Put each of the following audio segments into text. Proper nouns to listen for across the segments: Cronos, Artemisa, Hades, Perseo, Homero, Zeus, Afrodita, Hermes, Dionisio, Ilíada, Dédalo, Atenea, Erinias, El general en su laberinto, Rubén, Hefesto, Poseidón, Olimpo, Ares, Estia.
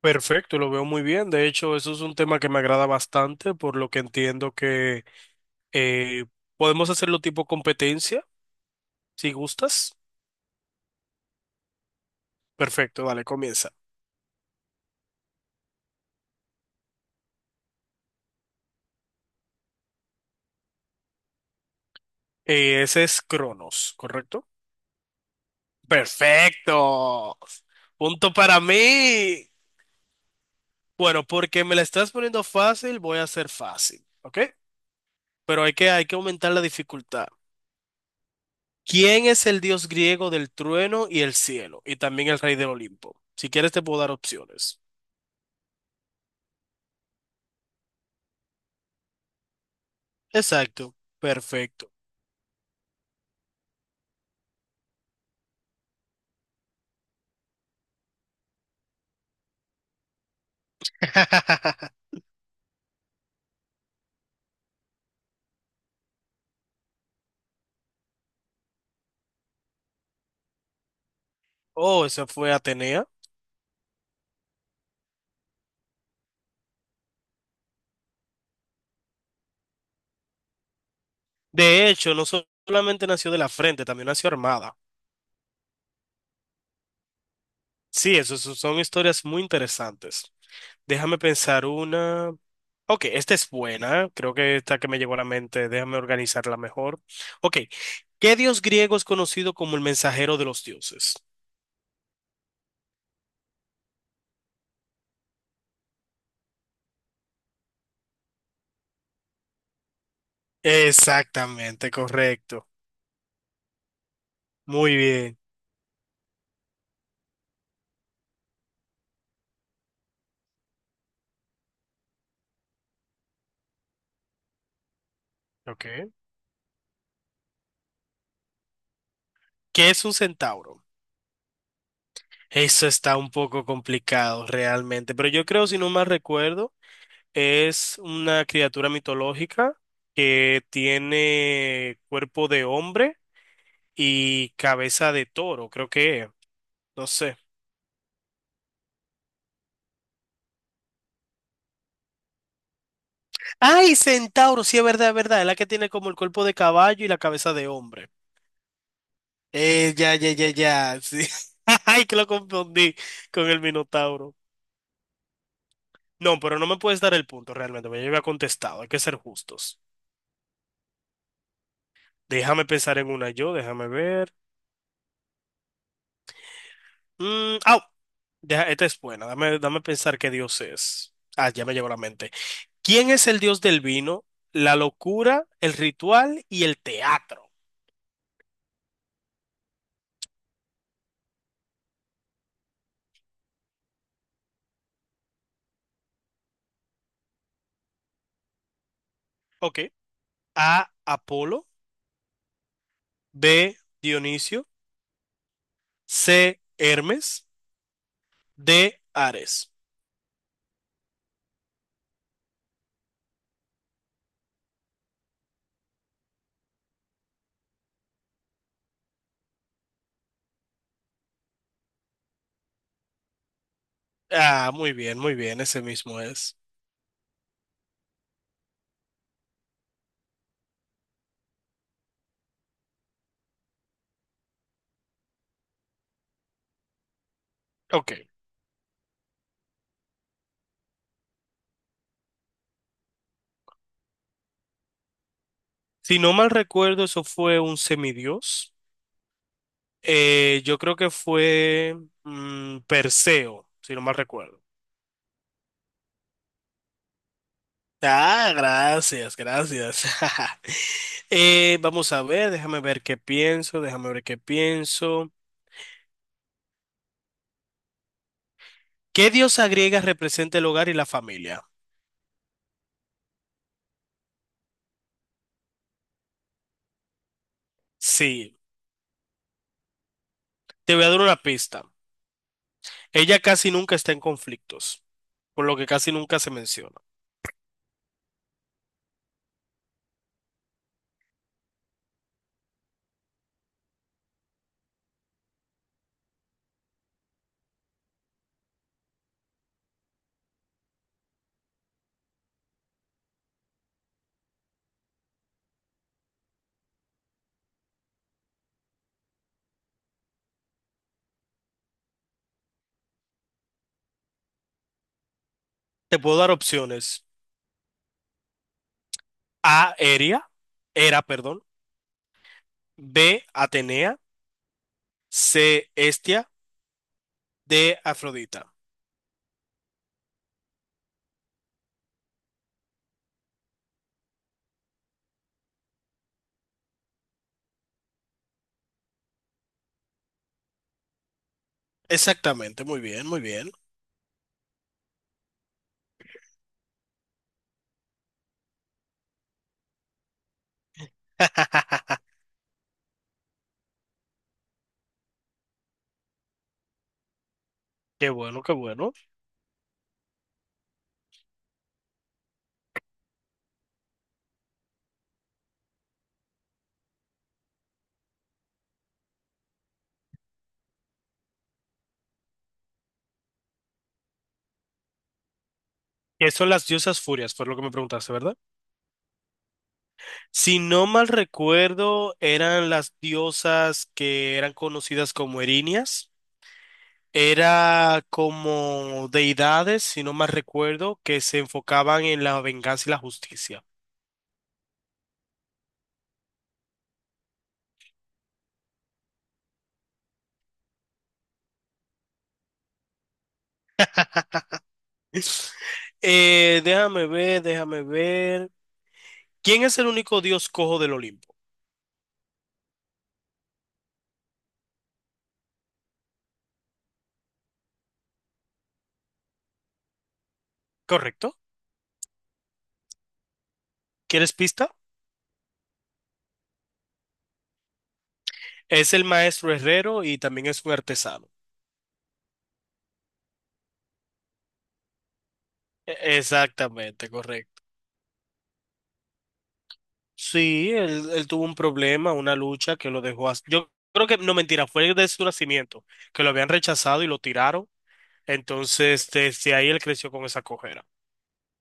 Perfecto, lo veo muy bien. De hecho, eso es un tema que me agrada bastante, por lo que entiendo que eh, podemos hacerlo tipo competencia, si gustas. Perfecto, dale, comienza. Ese es Cronos, ¿correcto? Perfecto. Punto para mí. Bueno, porque me la estás poniendo fácil, voy a hacer fácil, ¿ok? Pero hay que aumentar la dificultad. ¿Quién es el dios griego del trueno y el cielo? Y también el rey del Olimpo. Si quieres, te puedo dar opciones. Exacto, perfecto. Oh, esa fue Atenea. De hecho, no so- solamente nació de la frente, también nació armada. Sí, eso son historias muy interesantes. Déjame pensar una. Ok, esta es buena. Creo que esta que me llegó a la mente. Déjame organizarla mejor. Ok, ¿qué dios griego es conocido como el mensajero de los dioses? Exactamente, correcto. Muy bien. Ok. ¿Qué es un centauro? Eso está un poco complicado realmente, pero yo creo, si no mal recuerdo, es una criatura mitológica que tiene cuerpo de hombre y cabeza de toro, creo que es. No sé. ¡Ay, centauro! Sí, es verdad, es verdad. Es la que tiene como el cuerpo de caballo y la cabeza de hombre. Ya, ya, ya, ya. Sí. Ay, que lo confundí con el minotauro. No, pero no me puedes dar el punto realmente, porque yo había contestado. Hay que ser justos. Déjame pensar en una yo, déjame ver. Mm, au, esta es buena. Dame, dame pensar qué Dios es. Ah, ya me llegó a la mente. ¿Quién es el Dios del vino, la locura, el ritual y el teatro? Ok. A. Apolo. B. Dionisio. C. Hermes. D. Ares. Ah, muy bien, muy bien. Ese mismo es. Ok. Si no mal recuerdo, eso fue un semidios. Yo creo que fue Perseo, si no mal recuerdo. Ah, gracias, gracias. Vamos a ver, déjame ver qué pienso, déjame ver qué pienso. ¿Qué diosa griega representa el hogar y la familia? Sí, te voy a dar una pista. Ella casi nunca está en conflictos, por lo que casi nunca se menciona. Te puedo dar opciones. A, Era, perdón. B, Atenea. C, Estia. D, Afrodita. Exactamente, muy bien, muy bien. Qué bueno, qué bueno. ¿Qué son las diosas furias? Fue lo que me preguntaste, ¿verdad? Si no mal recuerdo, eran las diosas que eran conocidas como erinias. Era como deidades, si no mal recuerdo, que se enfocaban en la venganza y la justicia. Déjame ver, déjame ver. ¿Quién es el único dios cojo del Olimpo? ¿Correcto? ¿Quieres pista? Es el maestro herrero y también es un artesano. Exactamente, correcto. Sí, él tuvo un problema, una lucha que lo dejó Yo creo que, no mentira, fue de su nacimiento, que lo habían rechazado y lo tiraron. Entonces, desde ahí él creció con esa cojera.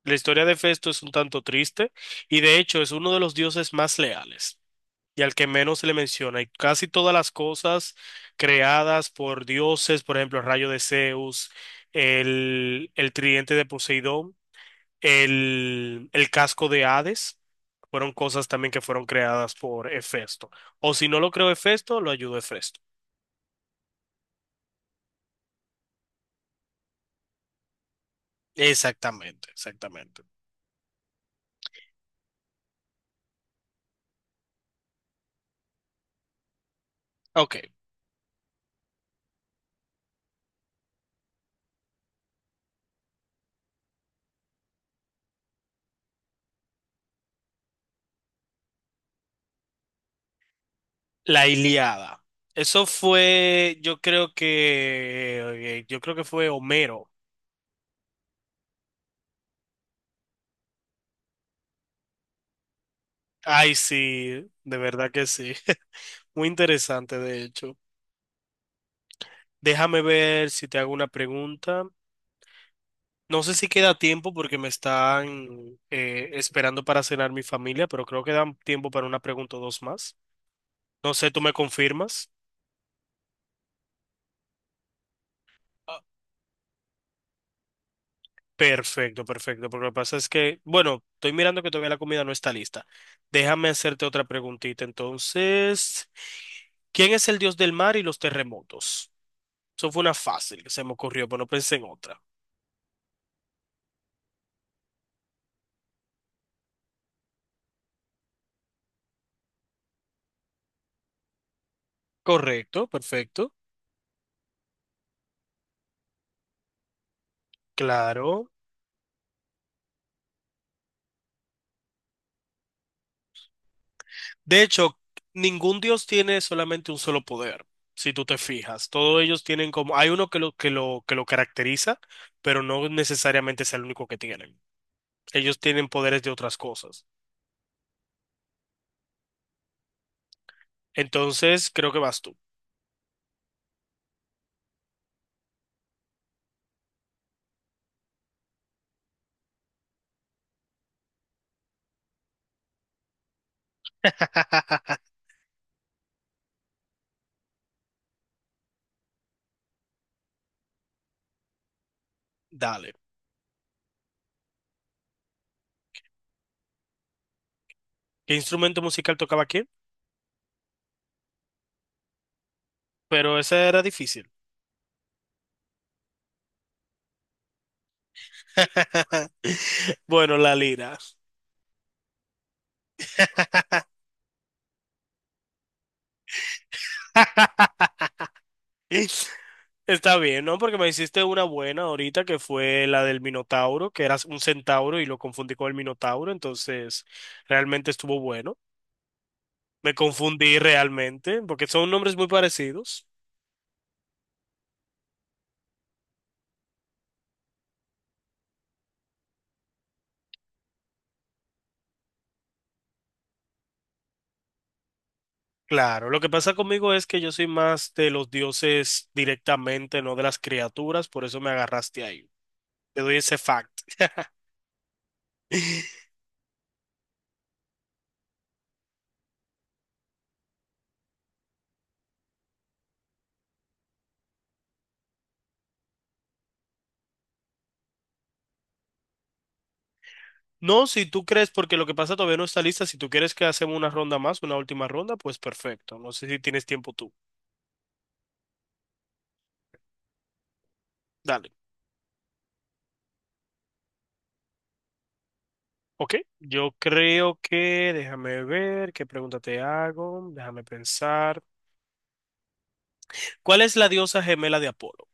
La historia de Festo es un tanto triste y de hecho es uno de los dioses más leales y al que menos se le menciona. Y casi todas las cosas creadas por dioses, por ejemplo, el rayo de Zeus, el tridente de Poseidón, el casco de Hades fueron cosas también que fueron creadas por Hefesto. O si no lo creó Hefesto, lo ayudó Hefesto. Exactamente, exactamente. Ok, la Ilíada. Eso fue, yo creo que fue Homero. Ay, sí, de verdad que sí. Muy interesante, de hecho. Déjame ver si te hago una pregunta. No sé si queda tiempo porque me están esperando para cenar mi familia, pero creo que dan tiempo para una pregunta o dos más. No sé, ¿tú me confirmas? Ah. Perfecto, perfecto. Porque lo que pasa es que, bueno, estoy mirando que todavía la comida no está lista. Déjame hacerte otra preguntita. Entonces, ¿quién es el dios del mar y los terremotos? Eso fue una fácil que se me ocurrió, pero no pensé en otra. Correcto, perfecto. Claro. De hecho, ningún dios tiene solamente un solo poder, si tú te fijas. Todos ellos tienen como, hay uno que lo caracteriza, pero no necesariamente es el único que tienen. Ellos tienen poderes de otras cosas. Entonces, creo que vas tú. Dale. ¿Qué instrumento musical tocaba quién? Pero ese era difícil. Bueno, la lira. Está bien, ¿no? Porque me hiciste una buena ahorita que fue la del Minotauro, que eras un centauro y lo confundí con el Minotauro, entonces realmente estuvo bueno. Me confundí realmente, porque son nombres muy parecidos. Claro, lo que pasa conmigo es que yo soy más de los dioses directamente, no de las criaturas, por eso me agarraste ahí. Te doy ese fact. No, si tú crees, porque lo que pasa todavía no está lista, si tú quieres que hacemos una ronda más, una última ronda, pues perfecto. No sé si tienes tiempo tú. Dale. Ok, yo creo que, déjame ver, qué pregunta te hago, déjame pensar. ¿Cuál es la diosa gemela de Apolo?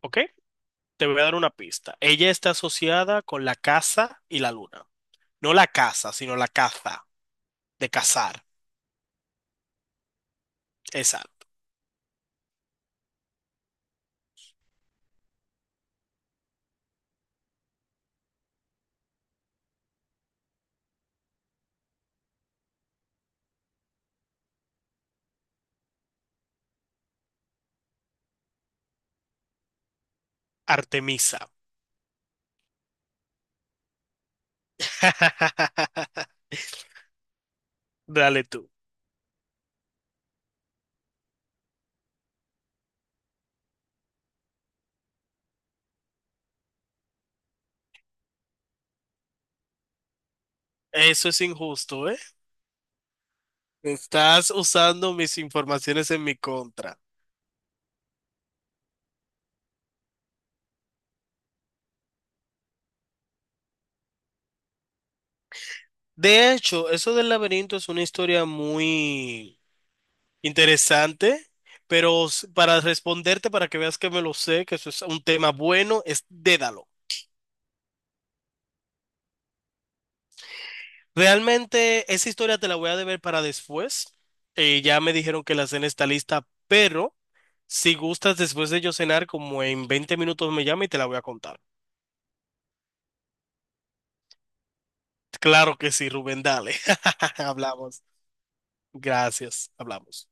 Ok, te voy a dar una pista. Ella está asociada con la caza y la luna. No la caza, sino la caza, de cazar. Esa, Artemisa. Dale tú. Eso es injusto, ¿eh? Estás usando mis informaciones en mi contra. De hecho, eso del laberinto es una historia muy... Interesante, pero para responderte, para que veas que me lo sé, que eso es un tema bueno, es Dédalo. Realmente esa historia te la voy a deber para después. Ya me dijeron que la cena está lista, pero si gustas después de yo cenar, como en 20 minutos me llama y te la voy a contar. Claro que sí, Rubén, dale. Hablamos. Gracias, hablamos.